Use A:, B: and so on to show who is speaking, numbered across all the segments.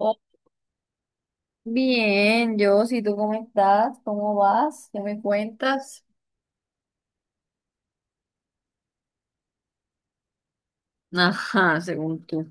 A: Oh, bien, yo, si tú cómo estás, cómo vas, ¿qué me cuentas? Ajá, según tú.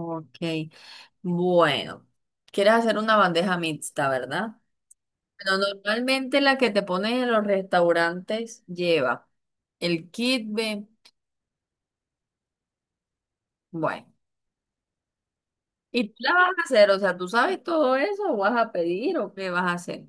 A: Ok, bueno, quieres hacer una bandeja mixta, ¿verdad? Pero normalmente la que te ponen en los restaurantes lleva el kitbe, bueno, ¿y tú la vas a hacer? O sea, ¿tú sabes todo eso? ¿O vas a pedir o qué vas a hacer?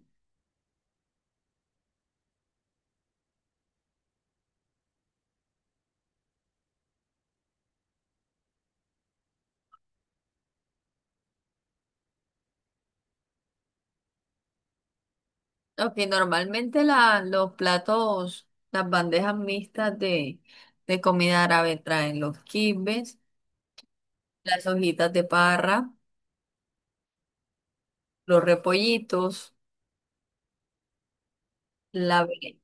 A: Ok, normalmente los platos, las bandejas mixtas de comida árabe traen los kitbes. Las hojitas de parra, los repollitos, la... ve-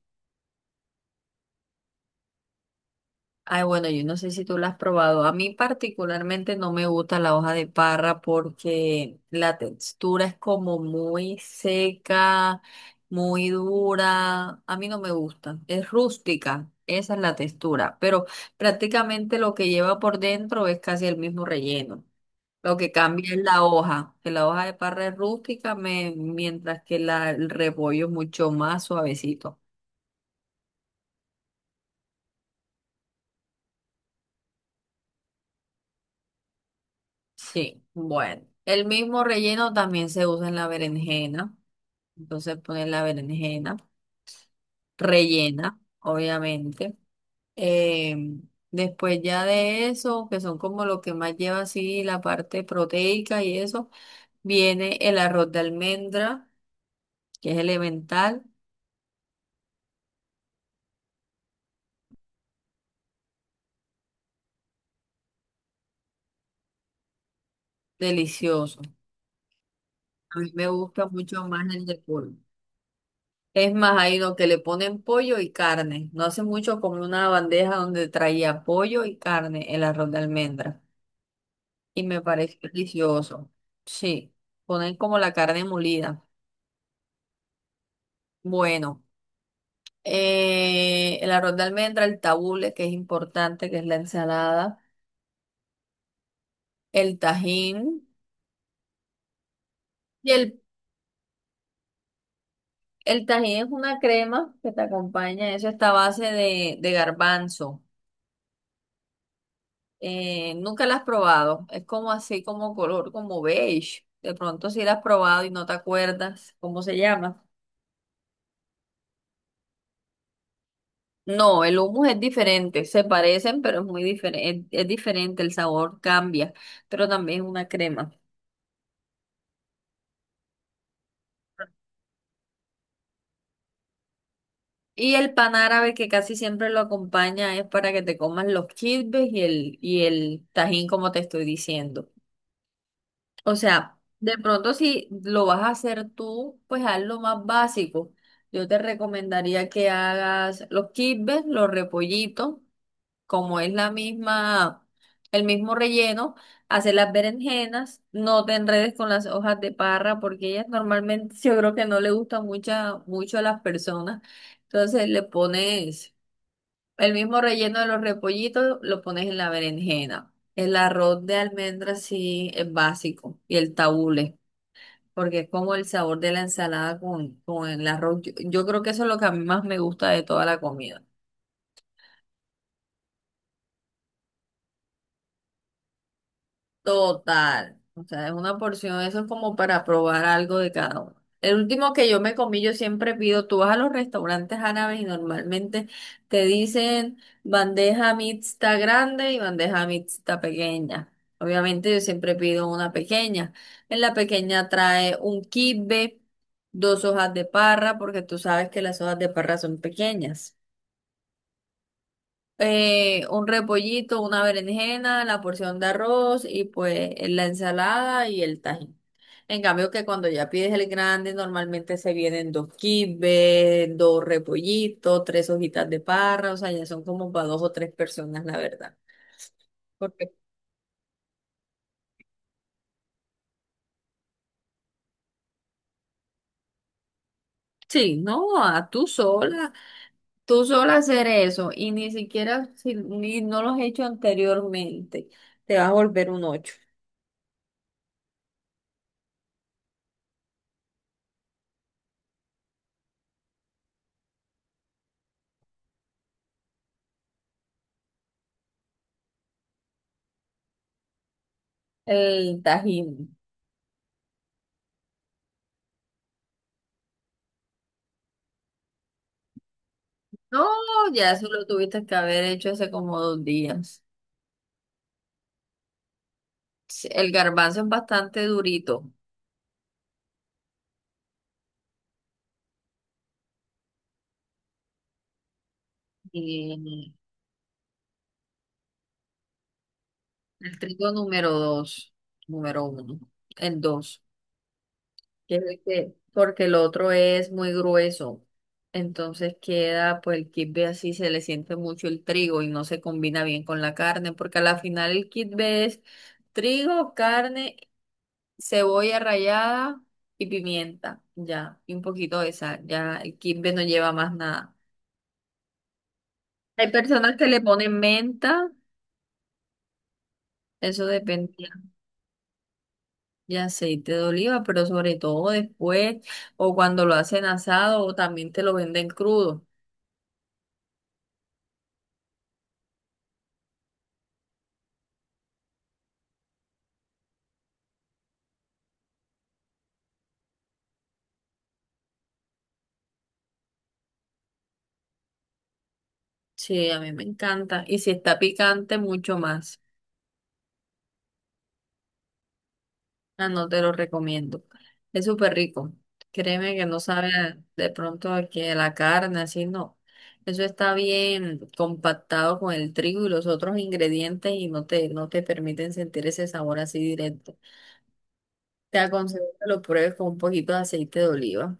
A: ay, bueno, yo no sé si tú la has probado. A mí particularmente no me gusta la hoja de parra porque la textura es como muy seca, muy dura. A mí no me gusta. Es rústica, esa es la textura. Pero prácticamente lo que lleva por dentro es casi el mismo relleno. Lo que cambia es la hoja, que la hoja de parra es rústica, mientras que el repollo es mucho más suavecito. Sí, bueno. El mismo relleno también se usa en la berenjena. Entonces pones la berenjena, rellena, obviamente. Em, Después ya de eso, que son como lo que más lleva así la parte proteica y eso, viene el arroz de almendra, que es elemental, delicioso. A mí me gusta mucho más el de pollo. Es más, hay lo que le ponen pollo y carne. No hace mucho comí una bandeja donde traía pollo y carne, el arroz de almendra. Y me parece delicioso. Sí, ponen como la carne molida. Bueno, el arroz de almendra, el tabule, que es importante, que es la ensalada, el tajín. Y el tajín es una crema que te acompaña, eso está a base de garbanzo. Nunca la has probado. Es como así, como color, como beige. De pronto si la has probado y no te acuerdas cómo se llama. No, el hummus es diferente. Se parecen, pero es muy diferente. Es diferente, el sabor cambia, pero también es una crema. Y el pan árabe que casi siempre lo acompaña es para que te comas los kibbes y el tajín, como te estoy diciendo. O sea, de pronto si lo vas a hacer tú, pues haz lo más básico. Yo te recomendaría que hagas los kibbes, los repollitos, como es la misma, el mismo relleno, hacer las berenjenas, no te enredes con las hojas de parra, porque ellas normalmente yo creo que no le gustan mucha, mucho a las personas. Entonces le pones el mismo relleno de los repollitos lo pones en la berenjena. El arroz de almendras sí es básico y el tabule, porque es como el sabor de la ensalada con el arroz. Yo creo que eso es lo que a mí más me gusta de toda la comida. Total. O sea, es una porción, eso es como para probar algo de cada uno. El último que yo me comí, yo siempre pido, tú vas a los restaurantes árabes y normalmente te dicen bandeja mixta grande y bandeja mixta pequeña. Obviamente yo siempre pido una pequeña. En la pequeña trae un kibbe, dos hojas de parra, porque tú sabes que las hojas de parra son pequeñas, un repollito, una berenjena, la porción de arroz y pues la ensalada y el tajín. En cambio que cuando ya pides el grande, normalmente se vienen dos quibbes, dos repollitos, tres hojitas de parra, o sea, ya son como para dos o tres personas, la verdad. Porque sí, no, a tú sola hacer eso y ni siquiera si ni no lo has hecho anteriormente, te vas a volver un ocho. El tajín. No, ya eso lo tuviste que haber hecho hace como 2 días. Sí, el garbanzo es bastante durito. Y el trigo número dos, número uno, el dos. Es porque el otro es muy grueso. Entonces queda, pues el kibbe así se le siente mucho el trigo y no se combina bien con la carne, porque a la final el kibbe es trigo, carne, cebolla rallada y pimienta, ya, y un poquito de sal, ya el kibbe no lleva más nada. Hay personas que le ponen menta, eso depende. Y aceite de oliva, pero sobre todo después, o cuando lo hacen asado, o también te lo venden crudo. Sí, a mí me encanta. Y si está picante, mucho más. Ah, no te lo recomiendo. Es súper rico. Créeme que no sabe de pronto a que la carne, así no. Eso está bien compactado con el trigo y los otros ingredientes y no te permiten sentir ese sabor así directo. Te aconsejo que lo pruebes con un poquito de aceite de oliva.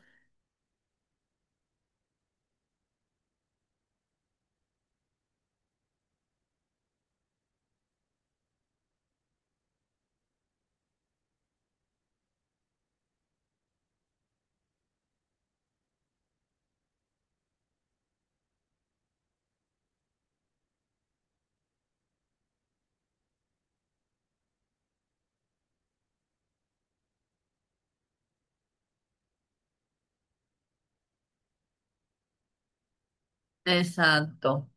A: Exacto.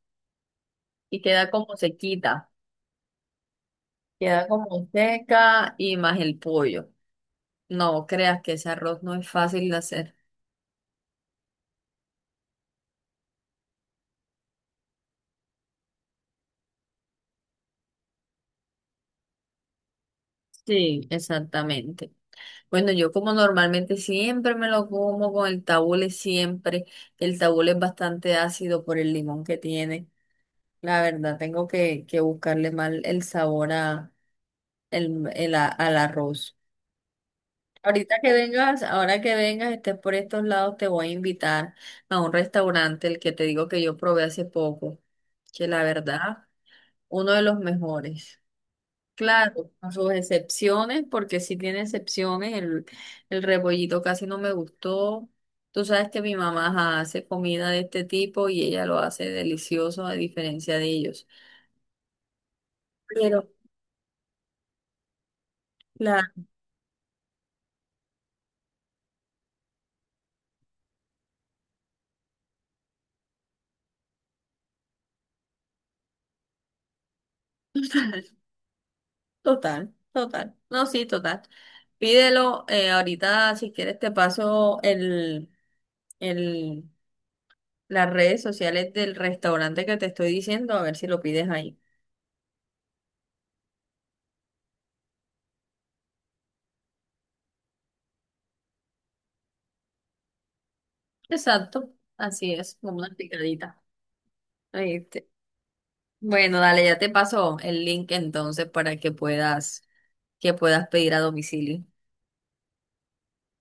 A: Y queda como sequita. Queda como seca y más el pollo. No creas que ese arroz no es fácil de hacer. Sí, exactamente. Bueno, yo como normalmente siempre me lo como con el tabule, siempre. El tabule es bastante ácido por el limón que tiene. La verdad, tengo que buscarle mal el sabor a, al arroz. Ahorita que vengas, ahora que vengas, estés por estos lados, te voy a invitar a un restaurante, el que te digo que yo probé hace poco, que la verdad, uno de los mejores. Claro, con sus excepciones, porque sí tiene excepciones. El rebollito casi no me gustó. Tú sabes que mi mamá ajá, hace comida de este tipo y ella lo hace delicioso a diferencia de ellos. Pero, claro, total, total. No, sí, total. Pídelo, ahorita si quieres te paso el, las redes sociales del restaurante que te estoy diciendo, a ver si lo pides ahí. Exacto, así es, como una picadita. Ahí bueno, dale, ya te paso el link entonces para que puedas pedir a domicilio.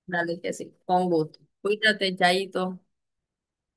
A: Dale, que sí, con gusto. Cuídate, Chaito.